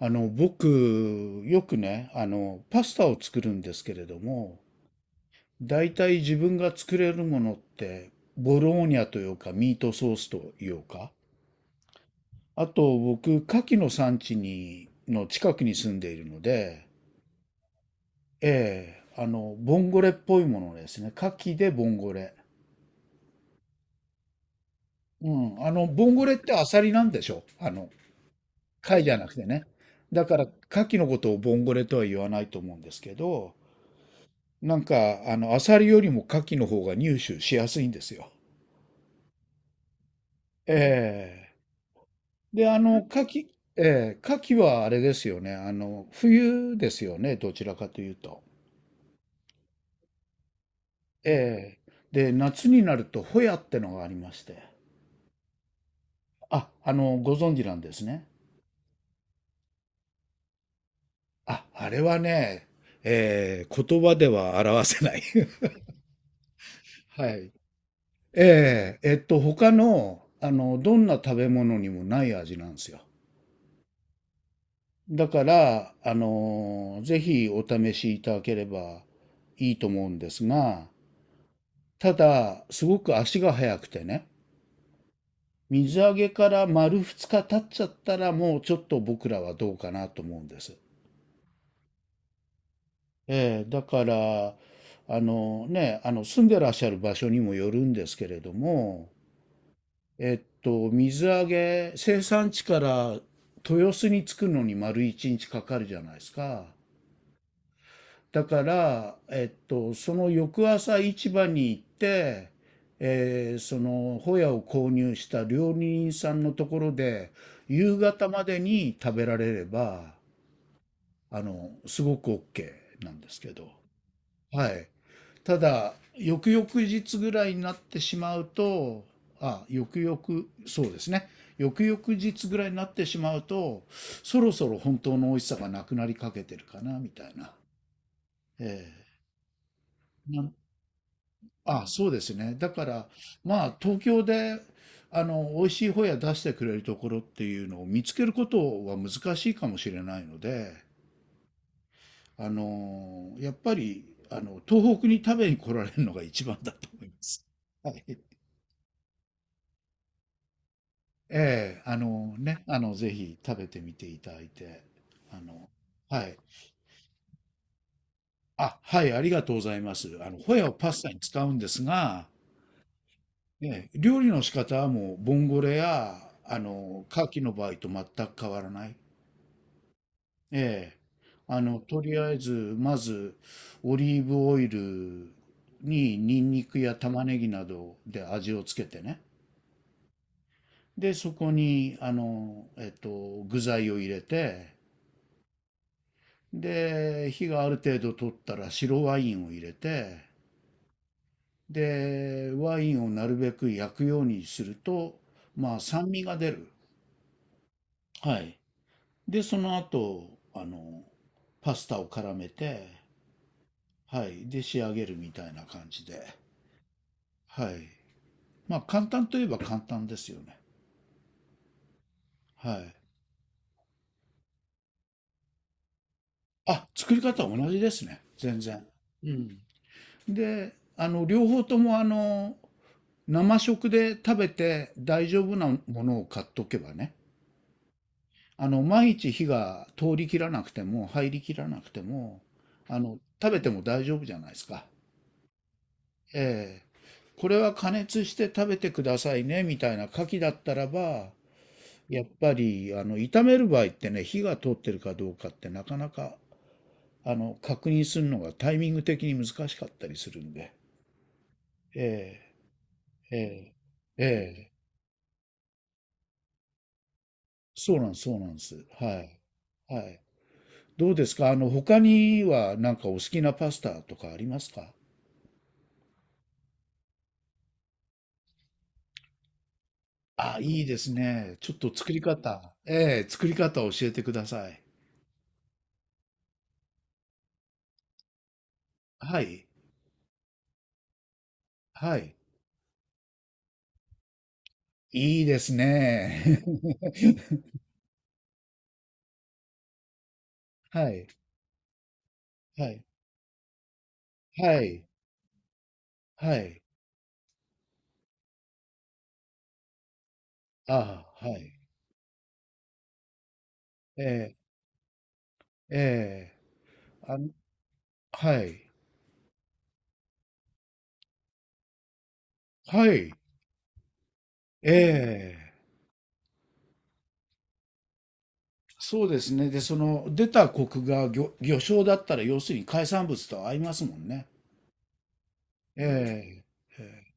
僕、よくね、パスタを作るんですけれども、大体自分が作れるものって、ボローニャというか、ミートソースというか、あと僕、牡蠣の産地に、の近くに住んでいるので、ええ、ボンゴレっぽいものですね。牡蠣でボンゴレ。うん、ボンゴレってアサリなんでしょ？貝じゃなくてね。だから、牡蠣のことをボンゴレとは言わないと思うんですけど、なんか、アサリよりもカキの方が入手しやすいんですよ。ええで、カキはあれですよね。冬ですよね。どちらかというと。で、夏になると、ホヤってのがありまして。あ、ご存知なんですね。あ、あれはね、言葉では表せない。はい。他の、どんな食べ物にもない味なんですよ。だから、ぜひお試しいただければいいと思うんですが、ただ、すごく足が速くてね、水揚げから丸2日経っちゃったら、もうちょっと僕らはどうかなと思うんです。ええ、だから、あの住んでらっしゃる場所にもよるんですけれども、水揚げ、生産地から豊洲に着くのに丸1日かかるじゃないですか。だから、その翌朝市場に行って、そのホヤを購入した料理人さんのところで夕方までに食べられればすごく OK なんですけど、はい、ただ翌々日ぐらいになってしまうと、あ、そうですね、翌々日ぐらいになってしまうと、そろそろ本当の美味しさがなくなりかけてるかなみたいな。ええなそうですね。だから、まあ、東京で、美味しいホヤ出してくれるところっていうのを見つけることは難しいかもしれないので、やっぱり、東北に食べに来られるのが一番だと思います。はい。ええ、ぜひ食べてみていただいて、あの、はい。あ、はい、ありがとうございます。ホヤをパスタに使うんですが、ね、料理の仕方はもうボンゴレや牡蠣の場合と全く変わらない。ええ、とりあえずまずオリーブオイルにニンニクや玉ねぎなどで味をつけてね。で、そこに具材を入れて、で、火がある程度取ったら白ワインを入れて、で、ワインをなるべく焼くようにすると、まあ酸味が出る。はい。で、その後、パスタを絡めて、はい。で、仕上げるみたいな感じで。はい。まあ、簡単といえば簡単ですよね。はい。あ、作り方は同じですね。全然。うん。で、両方とも生食で食べて大丈夫なものを買っとけばね。毎日火が通り切らなくても、入り切らなくても、食べても大丈夫じゃないですか。えーこれは加熱して食べてくださいねみたいな牡蠣だったらば、やっぱり炒める場合ってね、火が通ってるかどうかってなかなか確認するのがタイミング的に難しかったりするんで、えーえーえーそうなんです、そうなんです。はい。はい。どうですか？他にはなんかお好きなパスタとかありますか？あ、いいですね。ちょっと作り方を教えてください。はい。はい。いいですね。はい、はい、はい、はい。ああ、はい。ええ、ーあの、はい、はい、ええ。そうですね。で、その出た国が魚礁だったら、要するに海産物と合いますもんね。ええ、え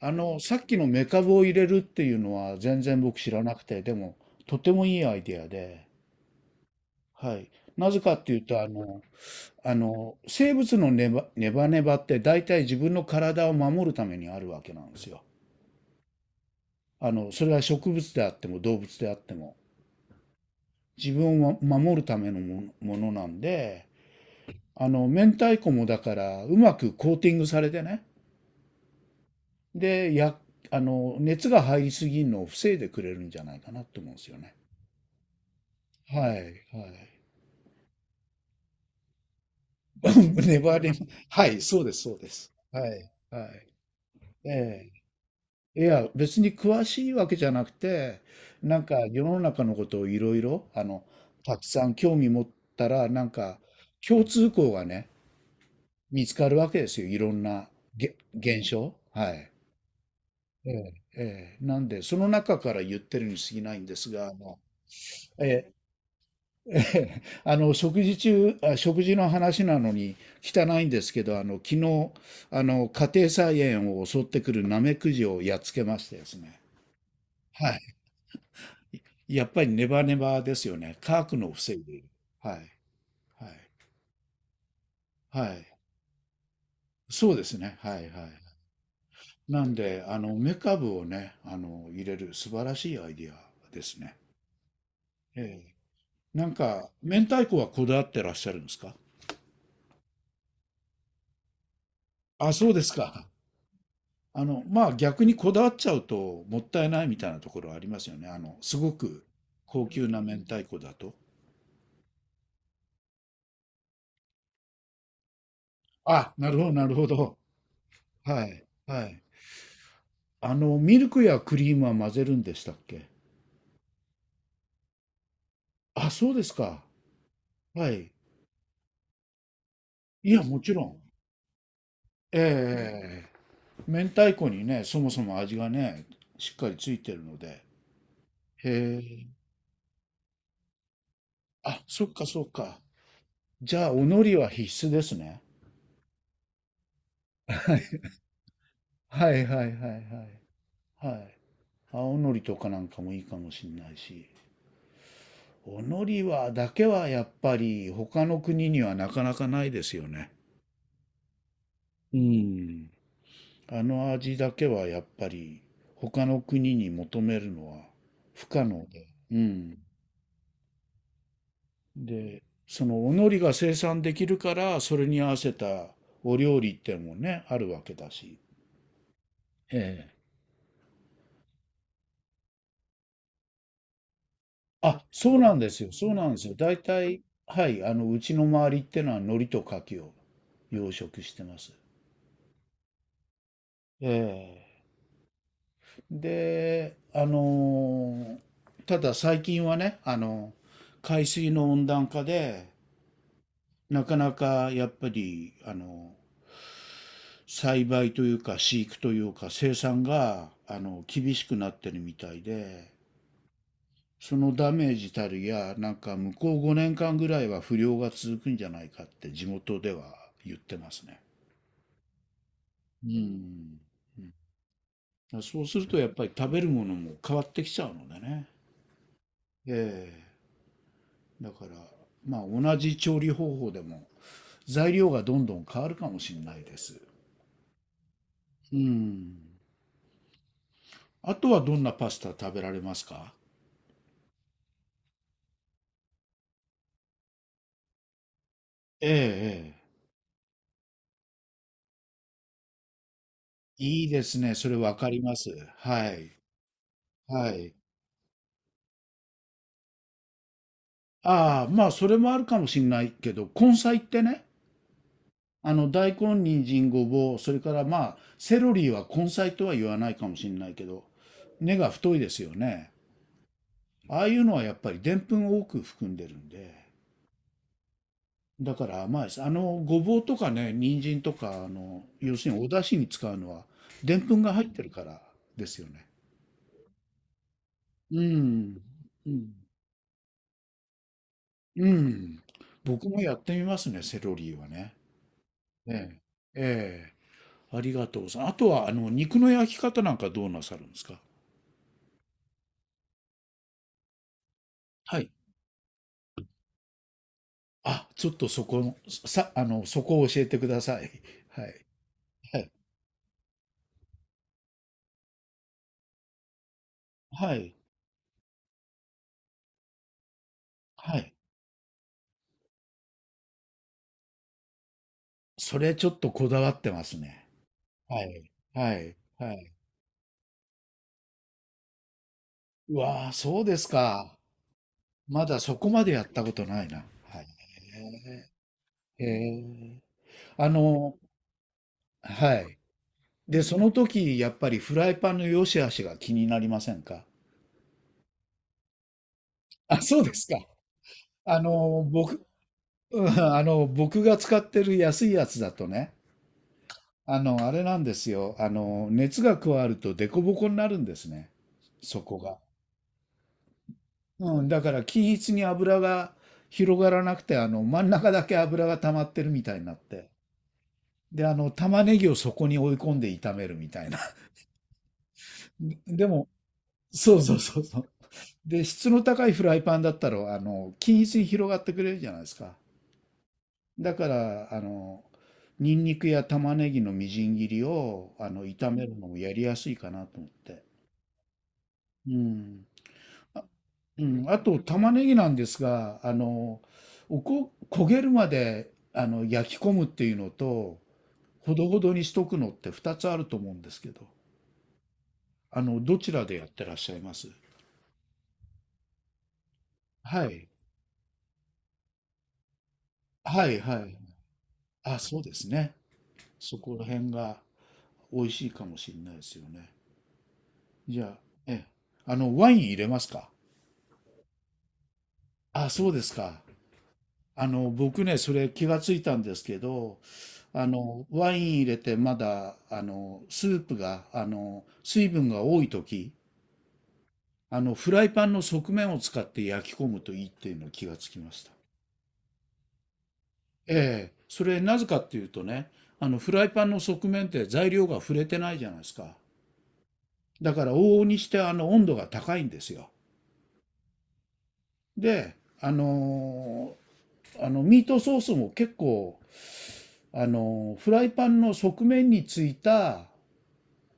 さっきのメカブを入れるっていうのは全然僕知らなくて、でも、とてもいいアイデアで、はい。なぜかっていうと、生物のネバネバネバって大体自分の体を守るためにあるわけなんですよ。それは植物であっても動物であっても。自分を守るためのものなんで、明太子もだからうまくコーティングされてね。で、や、あの、熱が入りすぎるのを防いでくれるんじゃないかなと思うんですよね。はい、はい。ネバネバ、はい、そうです、そうです。はい、はい。ええ、いや、別に詳しいわけじゃなくて、なんか世の中のことをいろいろ、たくさん興味持ったら、なんか共通項がね、見つかるわけですよ。いろんな現象。はい。ええ、ええ、なんで、その中から言ってるに過ぎないんですが、ええ、え食事の話なのに汚いんですけど、昨日、家庭菜園を襲ってくるナメクジをやっつけましてですね。はい。やっぱりネバネバですよね。乾くのを防いでいる。はい。はい。はい。そうですね。はい。はい。なんで、梅かぶをね、入れる素晴らしいアイディアですね。ええ。なんか、明太子はこだわってらっしゃるんですか？あ、そうですか。まあ逆にこだわっちゃうともったいないみたいなところはありますよね。すごく高級な明太子だと。あ、なるほど、なるほど。はい。はい。ミルクやクリームは混ぜるんでしたっけ？あ、そうですか。はい。いや、もちろん。ええ明太子にね、そもそも味がね、しっかりついてるので。へえ。あ、そっかそっか。じゃあ、お海苔は必須ですね。はい、はい、はい、はい。はい。青のりとかなんかもいいかもしれないし。お海苔は、だけはやっぱり他の国にはなかなかないですよね。うん。あの味だけはやっぱり他の国に求めるのは不可能で。うん。で、そのおのりが生産できるから、それに合わせたお料理っていうのもね、あるわけだし。ええ。あ、そうなんですよ。そうなんですよ。大体、はい、うちの周りってのは海苔と牡蠣を養殖してます。ええ。で、ただ最近はね、海水の温暖化で、なかなかやっぱり栽培というか飼育というか生産が厳しくなってるみたいで、そのダメージたるや、なんか向こう5年間ぐらいは不良が続くんじゃないかって地元では言ってますね。うん、うん、そうするとやっぱり食べるものも変わってきちゃうのでね。ええ、だから、まあ同じ調理方法でも材料がどんどん変わるかもしれないです。うん、あとはどんなパスタ食べられますか？ええ、ええ。いいですね。それわかります。はい。はい。ああ、まあ、それもあるかもしれないけど、根菜ってね、大根、人参、ごぼう、それからまあ、セロリは根菜とは言わないかもしれないけど、根が太いですよね。ああいうのはやっぱりでんぷんを多く含んでるんで、だから甘いです。ごぼうとかね、人参とか、要するにお出汁に使うのは、でんぷんが入ってるからですよね。うん、うん、うん。僕もやってみますね、セロリはね。ええ、ええ、ありがとうさん。あとは、肉の焼き方なんかどうなさるんですか？はい。あ、ちょっとそこ、さ、あの、そこを教えてください。はい。はい。はい。はい。それちょっとこだわってますね。はい。はい。はい。うわあ、そうですか。まだそこまでやったことないな。はい。へえ。へえ。あの、はい。で、その時、やっぱりフライパンの良し悪しが気になりませんか？あ、そうですか。僕、うん、僕が使ってる安いやつだとね、あれなんですよ。あの、熱が加わるとデコボコになるんですね。そこが。うん、だから均一に油が広がらなくて、真ん中だけ油が溜まってるみたいになって。で、玉ねぎをそこに追い込んで炒めるみたいな。でも、そうそうそうそう。で、質の高いフライパンだったら、均一に広がってくれるじゃないですか。だから、ニンニクや玉ねぎのみじん切りを、炒めるのもやりやすいかなと思って。うん。あ、うん、あと、玉ねぎなんですが、焦げるまで、焼き込むっていうのと、ほどほどにしとくのって2つあると思うんですけど、どちらでやってらっしゃいます？はい。はい、はい。あ、そうですね。そこら辺が。美味しいかもしれないですよね。じゃあ、ええ、ワイン入れますか？あ、そうですか。僕ね、それ気がついたんですけど、ワイン入れてまだ、スープが、水分が多い時、フライパンの側面を使って焼き込むといいっていうの気がつきました。ええ、それなぜかっていうとね、フライパンの側面って材料が触れてないじゃないですか。だから往々にしてあの温度が高いんですよ。で、あのミートソースも結構、フライパンの側面についた、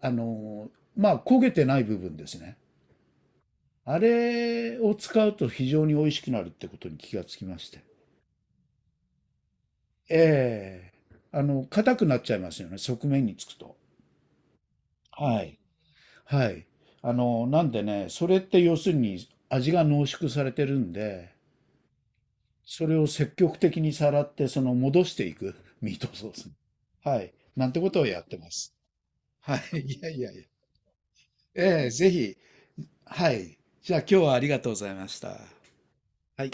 あのまあ焦げてない部分ですね。あれを使うと非常に美味しくなるってことに気がつきまして、ええ、硬くなっちゃいますよね、側面につくと。はい。はい。なんでね、それって要するに味が濃縮されてるんで、それを積極的にさらって、その戻していく、ミートソースに。はい、なんてことをやってます。はい。いやいやいや。ええ、ぜひ。はい。じゃあ今日はありがとうございました。はい。